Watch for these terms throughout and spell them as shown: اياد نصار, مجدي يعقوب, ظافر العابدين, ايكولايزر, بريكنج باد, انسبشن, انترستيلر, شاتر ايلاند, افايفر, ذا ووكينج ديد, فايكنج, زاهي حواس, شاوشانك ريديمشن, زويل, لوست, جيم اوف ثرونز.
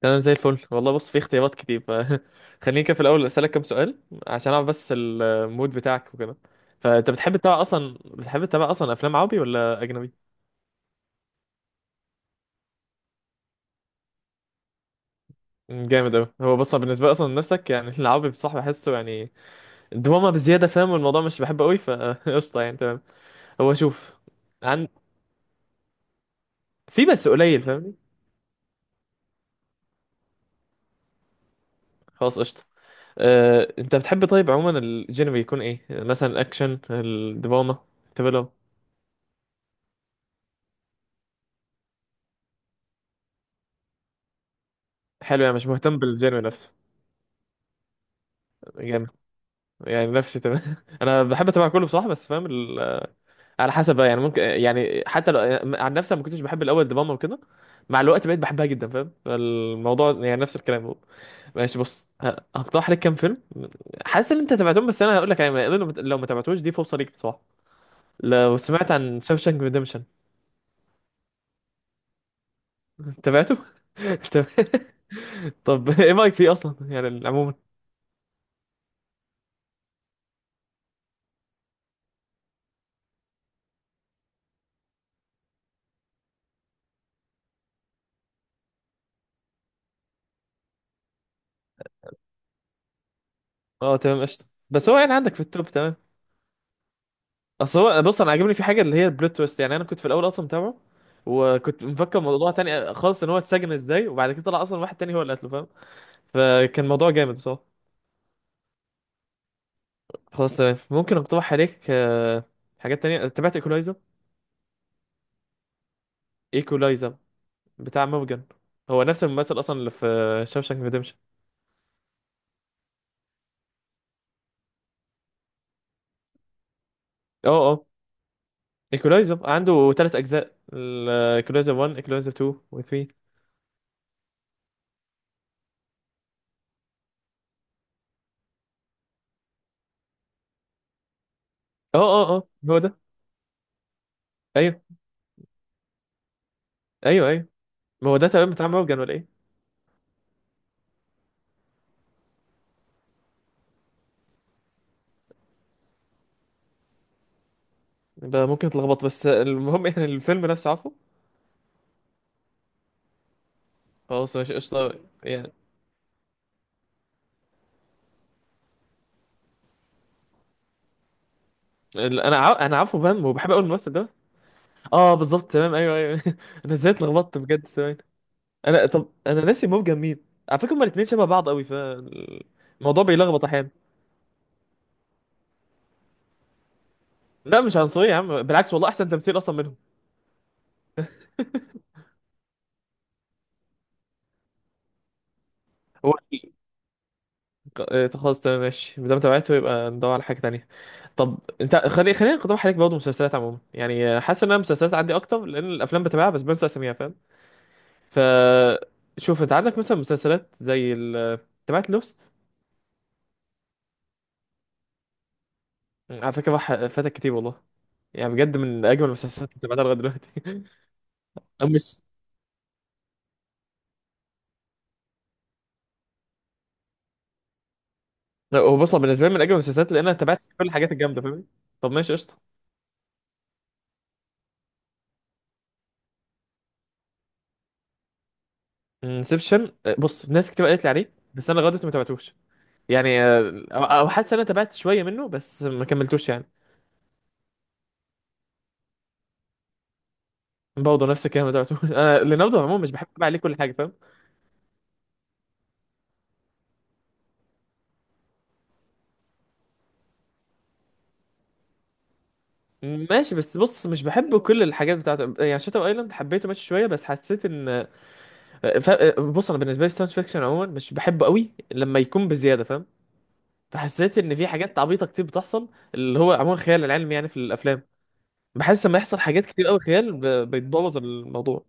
تمام، زي الفل والله. بص، في اختيارات كتير فخليني كده في الاول اسالك كام سؤال عشان اعرف بس المود بتاعك وكده. فانت بتحب تتابع اصلا، افلام عربي ولا اجنبي؟ جامد اوي. هو بص، أنا بالنسبه لي اصلا نفسك يعني العربي بصح بحسه يعني دراما بزياده، فاهم؟ والموضوع مش بحبه قوي فقشطه يعني. تمام، هو شوف. عن في بس قليل فاهمني. خلاص قشطه. انت بتحب طيب عموما الجينري يكون ايه؟ مثلا الاكشن، الدراما، ثريلر. حلو، يعني مش مهتم بالجينري نفسه. جامد يعني نفسي. تمام، انا بحب اتابع كله بصراحه، بس فاهم على حسب بقى. يعني ممكن يعني حتى لو عن نفسي، أنا ما كنتش بحب الاول دراما وكده، مع الوقت بقيت بحبها جدا، فاهم الموضوع؟ يعني نفس الكلام هو. ماشي بص، هقترح لك كام فيلم. حاسس ان انت تابعتهم بس انا هقول لك، يعني لو ما لو ما تابعتوش دي فرصه ليك بصراحه. لو سمعت عن شاوشانك ريديمشن. تابعته. طب ايه رايك فيه اصلا يعني عموما؟ اه تمام قشطه. بس هو يعني عندك في التوب، تمام. اصل هو بص، انا عاجبني في حاجه اللي هي البلوت تويست. يعني انا كنت في الاول اصلا متابعه وكنت مفكر موضوع تاني خالص، ان هو اتسجن ازاي، وبعد كده طلع اصلا واحد تاني هو اللي قتله فاهم. فكان موضوع جامد بصراحه. خلاص تمام، ممكن اقترح عليك حاجات تانية. تابعت ايكولايزر؟ ايكولايزر بتاع موجن، هو نفس الممثل اصلا اللي في شاوشانك ريديمشن. اه اه. ايكولايزر عنده ثلاث اجزاء: ايكولايزر 1، ايكولايزر 2 و 3. اه هو ده. ايوه ايوه ايوه. ما هو ده تمام، بتاع موجن ولا ايه؟ يبقى ممكن تلخبط، بس المهم يعني الفيلم نفسه عارفه. خلاص ماشي قشطة. يعني انا عارف، انا عارفه فاهم، وبحب اقول الممثل ده. اه بالظبط تمام، ايوه ايوه. انا ازاي اتلخبطت بجد؟ ثواني. انا طب انا ناسي، موجة مين على فكرة؟ هما الاتنين شبه بعض قوي فالموضوع بيلخبط احيانا. لا مش عنصرية يا عم، بالعكس والله احسن تمثيل اصلا منهم. هو خلاص تمام ماشي، ما دام تابعته يبقى ندور على حاجة تانية. طب انت خلينا نقترح عليك برضه مسلسلات عموما، يعني حاسس ان انا مسلسلات عندي اكتر، لان الافلام بتابعها بس بنسى اساميها فاهم. ف شوف، انت عندك مثلا مسلسلات زي تبعت لوست؟ على فكره راح فاتك كتير والله. يعني بجد من اجمل المسلسلات اللي تابعتها لغايه دلوقتي. أو مش لا، هو بص هو بالنسبه لي من اجمل المسلسلات، لان انا تابعت كل الحاجات الجامده فاهمني. طب ماشي قشطه. انسبشن. بص ناس كتير قالت لي عليه بس انا لغايه دلوقتي ما تابعتوش. يعني آه، او أو حاسس ان انا تابعت شويه منه بس ما كملتوش يعني. برضه نفس الكلام، ما تابعتوش. انا ليناردو عموما مش بحب اتابع عليه كل حاجه فاهم. ماشي بس بص، مش بحب كل الحاجات بتاعته يعني. شاتر ايلاند حبيته ماشي شويه، بس حسيت ان ف... آه، بص انا بالنسبه لي ساينس فيكشن عموما مش بحبه قوي لما يكون بزياده فاهم. فحسيت ان في حاجات عبيطه كتير بتحصل، اللي هو عموما خيال العلمي يعني في الافلام. بحس لما يحصل حاجات كتير قوي خيال بيتبوظ الموضوع.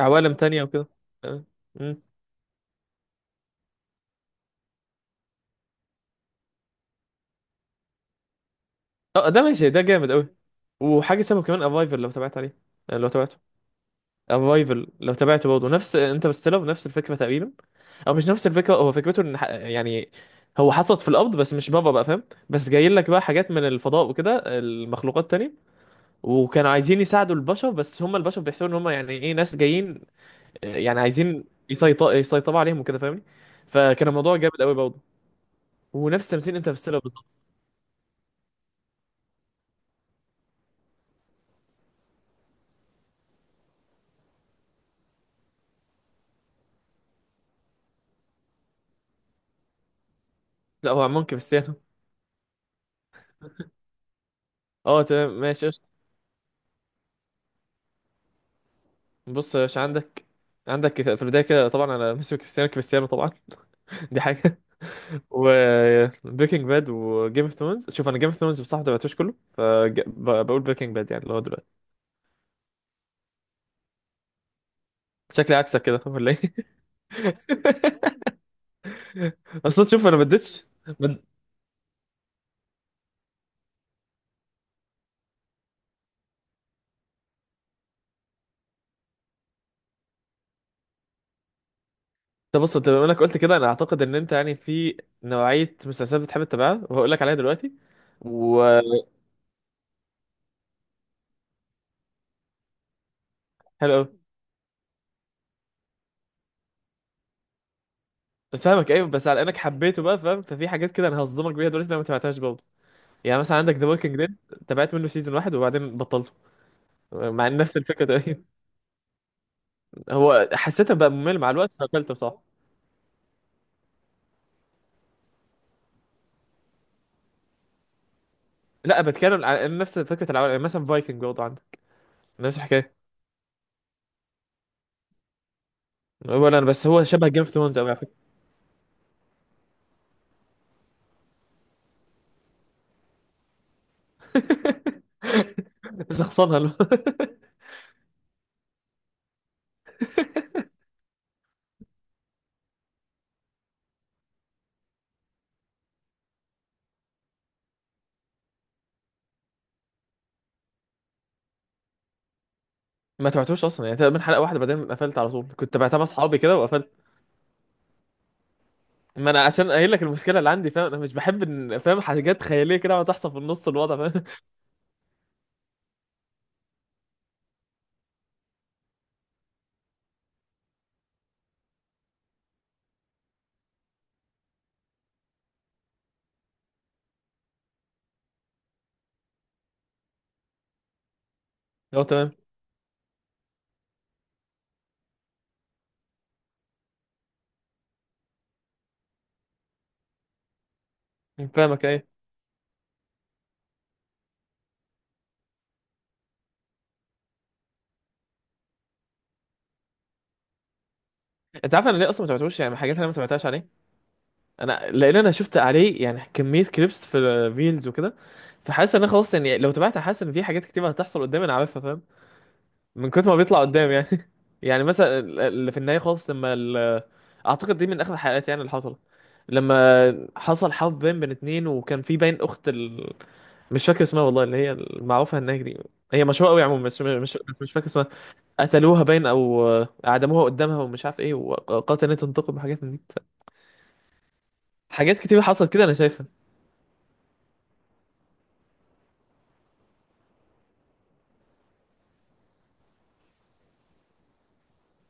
عوالم تانية وكده. تمام. مم. اه ده ماشي، ده جامد قوي. وحاجه شبه كمان، افايفر لو تابعت عليه. لو تابعته. افايفل لو تابعته برضه نفس انترستيلر، نفس الفكره تقريبا. او مش نفس الفكره، هو فكرته ان يعني هو حصلت في الارض بس مش بابا بقى فاهم. بس جايين لك بقى حاجات من الفضاء وكده، المخلوقات تاني، وكانوا عايزين يساعدوا البشر، بس هم البشر بيحسوا ان هم يعني ايه، ناس جايين. يعني عايزين يسيطروا عليهم وكده فاهمني. فكان الموضوع جامد قوي برضه. ونفس تمثيل انترستيلر بالظبط. لا هو عمون كريستيانو. اه تمام ماشي قشطة. بص يا باشا، عندك في البدايه كده، طبعا انا ميسي كريستيانو، كريستيانو طبعا. دي حاجه. وبريكنج باد وجيم اوف ثرونز، شوف انا جيم اوف ثرونز بصراحه ما تابعتوش كله، فبقول بريكنج باد يعني اللي هو دلوقتي. شكلي عكسك كده، طب ولا ايه؟ اصل شوف انا ما اديتش ما- طب بص انت بما انك قلت كده، انا اعتقد ان انت يعني في نوعيه مسلسلات بتحب تتابعها، وهقول لك عليها دلوقتي. و حلو قوي. فاهمك، ايوه بس على انك حبيته بقى فاهم، ففي حاجات كده انا هصدمك بيها دلوقتي لو ما تابعتهاش برضه. يعني مثلا عندك ذا ووكينج ديد. تابعت منه سيزون واحد وبعدين بطلته، مع إن نفس الفكره تقريبا. هو حسيت إنه بقى ممل مع الوقت فقفلته بصراحه. لا بتكلم على نفس فكره العوالم، يعني مثلا فايكنج برضه عندك نفس الحكايه. ولا انا بس، هو شبه جيم اوف ثرونز قوي على فكره. شخصنها. ما تبعتوش اصلا يعني، تقريبا حلقه واحده بعدين قفلت على طول. كنت تبعتها مع اصحابي كده وقفلت. ما انا اصلا قايل لك المشكله اللي عندي فاهم، انا مش بحب فاهم، حاجات خياليه كده وتحصل تحصل في النص الوضع فاهم. هو تمام. فاهمك، ايه. انت عارف انا ليه اصلا ما تبعتوش يعني، حاجات انا ما تبعتهاش عليه؟ انا لان انا شفت عليه يعني كميه كليبس في فيلز وكده. فحاسس ان انا خلاص يعني لو تبعت، حاسس ان في حاجات كتير هتحصل قدامي انا عارفها فاهم، من كتر ما بيطلع قدام يعني. يعني مثلا اللي في النهاية خالص، لما اعتقد دي من اخر الحلقات يعني اللي حصلت، لما حصل حب بين اتنين وكان في باين اخت مش فاكر اسمها والله، اللي هي المعروفة هناك دي. هي مشهورة قوي عموما، بس مش فاكر اسمها. قتلوها باين او اعدموها قدامها ومش عارف ايه، وقالت ان هي تنتقم وحاجات من دي حاجات كتير حصلت كده انا شايفها.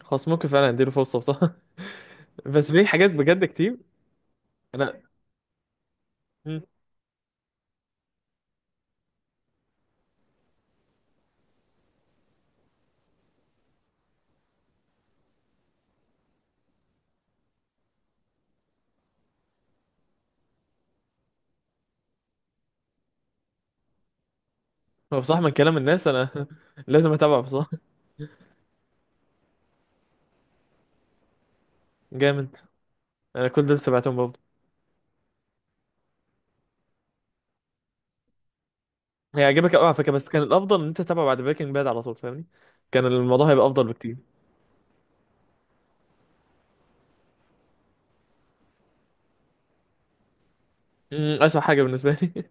خلاص ممكن فعلا اديله فرصة بصراحة. بس في حاجات بجد كتير. انا، مم. هو بصراحة من كلام الناس انا لازم اتابعه بصراحة. جامد. انا كل دول سمعتهم برضه. هيعجبك قوي على فكره، بس كان الافضل ان انت تتابعه بعد بريكنج باد على طول فاهمني. كان الموضوع هيبقى افضل بكتير. اسوء حاجه بالنسبه لي.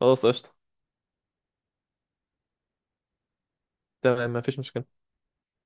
خلاص قشطه. تمام مفيش مشكله.